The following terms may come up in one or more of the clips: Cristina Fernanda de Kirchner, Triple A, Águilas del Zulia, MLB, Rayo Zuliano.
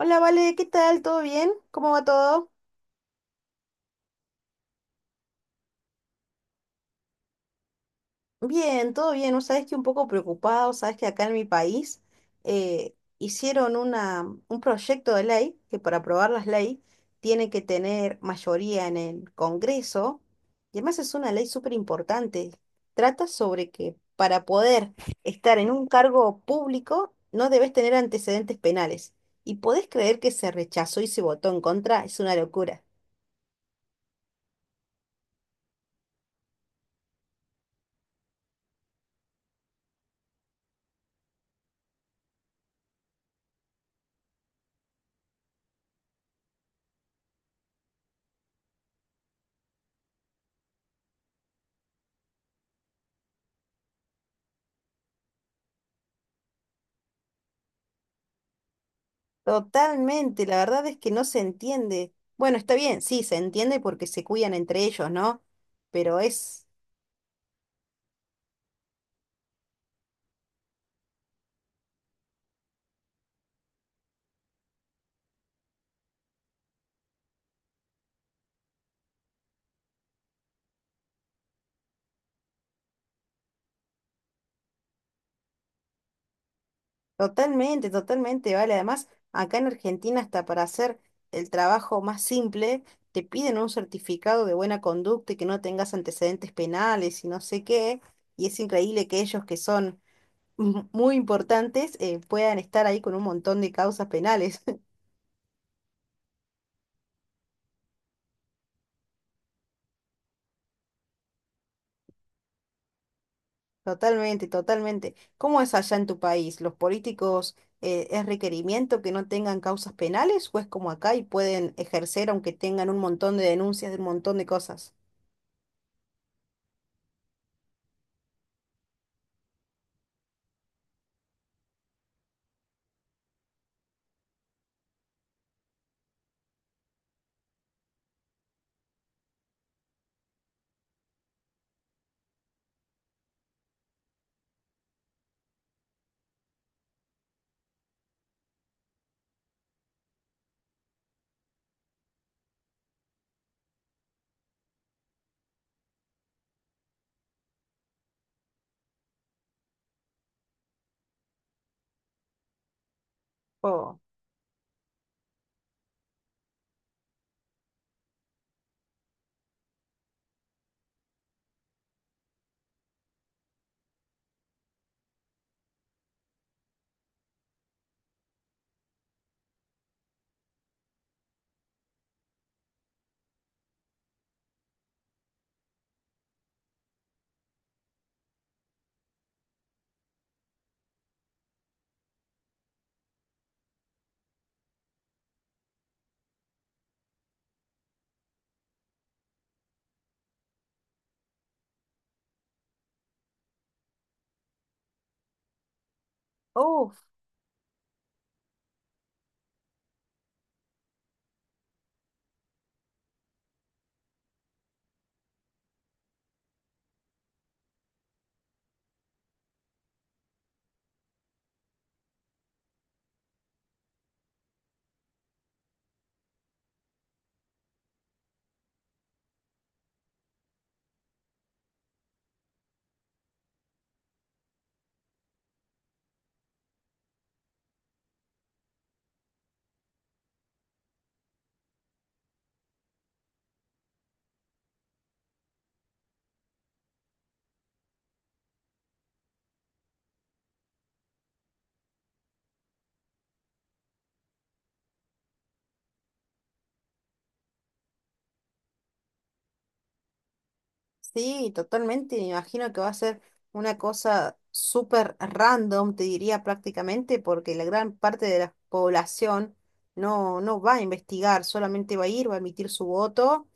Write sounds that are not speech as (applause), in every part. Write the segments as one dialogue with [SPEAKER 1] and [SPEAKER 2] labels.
[SPEAKER 1] Hola, Vale, ¿qué tal? ¿Todo bien? ¿Cómo va todo? Bien, todo bien. ¿No sabes que un poco preocupado? Sabes que acá en mi país hicieron un proyecto de ley que para aprobar las leyes tiene que tener mayoría en el Congreso. Y además es una ley súper importante. Trata sobre que para poder estar en un cargo público no debes tener antecedentes penales. ¿Y podés creer que se rechazó y se votó en contra? Es una locura. Totalmente, la verdad es que no se entiende. Bueno, está bien, sí, se entiende porque se cuidan entre ellos, ¿no? Pero es totalmente, totalmente, vale. Además, acá en Argentina, hasta para hacer el trabajo más simple, te piden un certificado de buena conducta y que no tengas antecedentes penales y no sé qué. Y es increíble que ellos, que son (laughs) muy importantes, puedan estar ahí con un montón de causas penales. Totalmente, totalmente. ¿Cómo es allá en tu país? ¿Los políticos, es requerimiento que no tengan causas penales o es como acá y pueden ejercer aunque tengan un montón de denuncias de un montón de cosas? Oh, uf, sí, totalmente. Me imagino que va a ser una cosa súper random, te diría prácticamente, porque la gran parte de la población no va a investigar, solamente va a ir, va a emitir su voto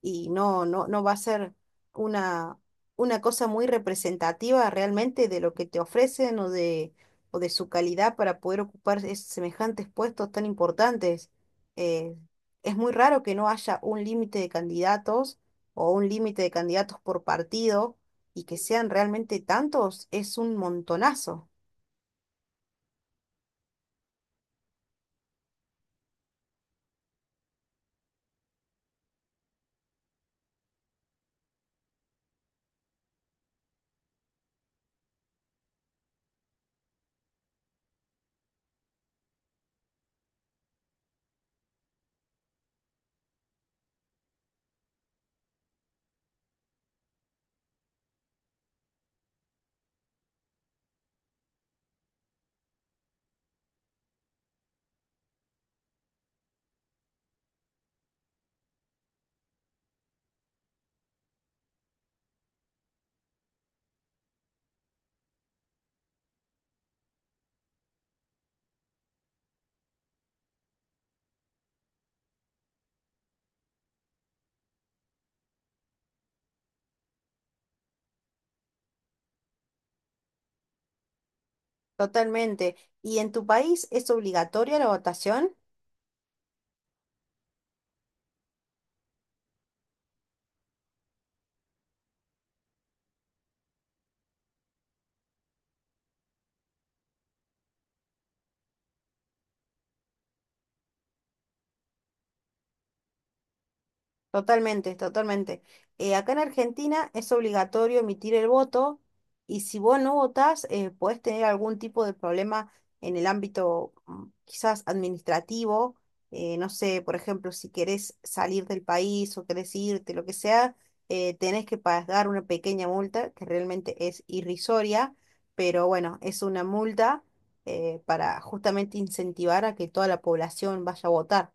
[SPEAKER 1] y no va a ser una, una cosa muy representativa realmente de lo que te ofrecen o de su calidad para poder ocupar semejantes puestos tan importantes. Eh, es muy raro que no haya un límite de candidatos o un límite de candidatos por partido y que sean realmente tantos, es un montonazo. Totalmente. ¿Y en tu país es obligatoria la votación? Totalmente, totalmente. Acá en Argentina es obligatorio emitir el voto y si vos no votás, podés tener algún tipo de problema en el ámbito quizás administrativo. No sé, por ejemplo, si querés salir del país o querés irte, lo que sea, tenés que pagar una pequeña multa que realmente es irrisoria, pero bueno, es una multa, para justamente incentivar a que toda la población vaya a votar.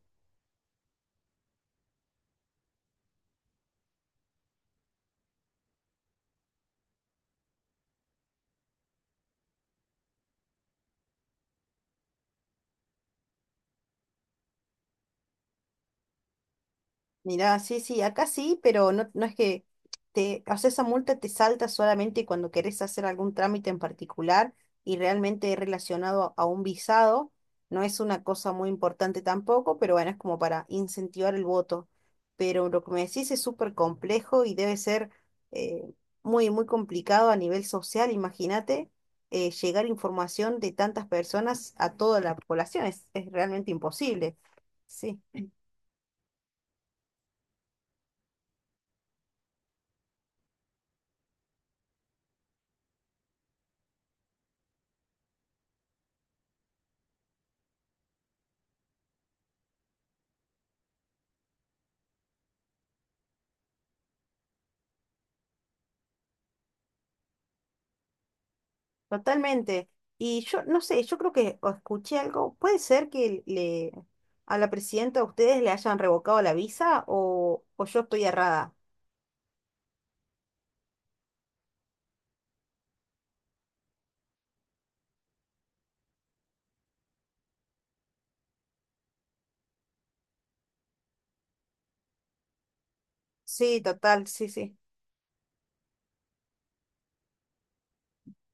[SPEAKER 1] Mirá, sí, sí, acá sí, pero no, no es que te, o sea, esa multa te salta solamente cuando querés hacer algún trámite en particular y realmente relacionado a un visado. No es una cosa muy importante tampoco, pero bueno, es como para incentivar el voto. Pero lo que me decís es súper complejo y debe ser, eh, muy, muy complicado a nivel social. Imagínate, llegar información de tantas personas a toda la población. Es realmente imposible. Sí. Totalmente. Y yo no sé, yo creo que o escuché algo. ¿Puede ser que le a la presidenta de ustedes le hayan revocado la visa o yo estoy errada? Sí, total, sí, sí.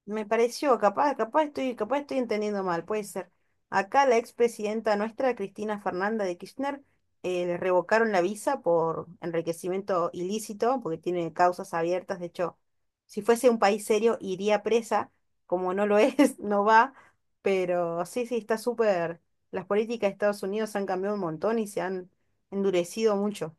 [SPEAKER 1] Me pareció, capaz, capaz estoy entendiendo mal, puede ser. Acá la expresidenta nuestra, Cristina Fernanda de Kirchner, le revocaron la visa por enriquecimiento ilícito, porque tiene causas abiertas. De hecho, si fuese un país serio, iría presa. Como no lo es, (laughs) no va. Pero sí, sí, está súper. Las políticas de Estados Unidos han cambiado un montón y se han endurecido mucho.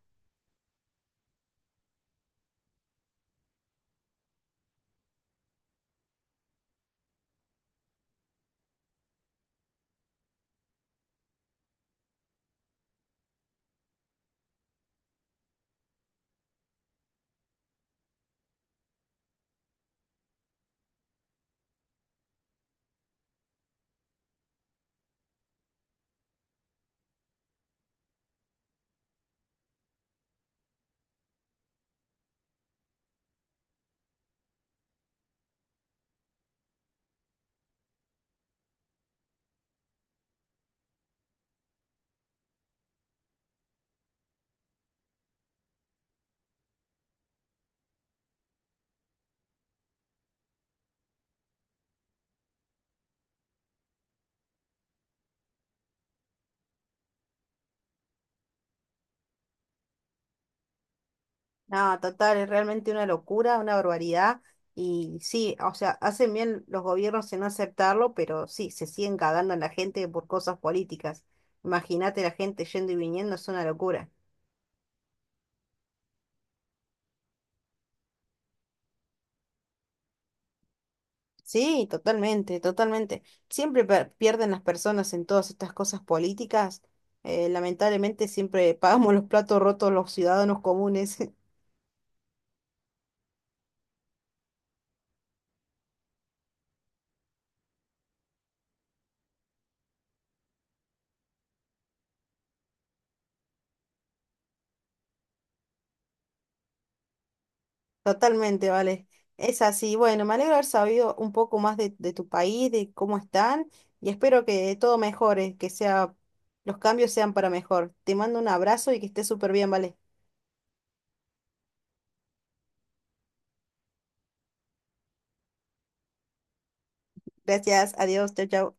[SPEAKER 1] No, total, es realmente una locura, una barbaridad. Y sí, o sea, hacen bien los gobiernos en no aceptarlo, pero sí, se siguen cagando en la gente por cosas políticas. Imagínate la gente yendo y viniendo, es una locura. Sí, totalmente, totalmente. Siempre pierden las personas en todas estas cosas políticas. Lamentablemente siempre pagamos los platos rotos los ciudadanos comunes. (laughs) Totalmente, vale. Es así. Bueno, me alegro haber sabido un poco más de tu país, de cómo están, y espero que todo mejore, que sea, los cambios sean para mejor. Te mando un abrazo y que estés súper bien, vale. Gracias, adiós, chao, chao.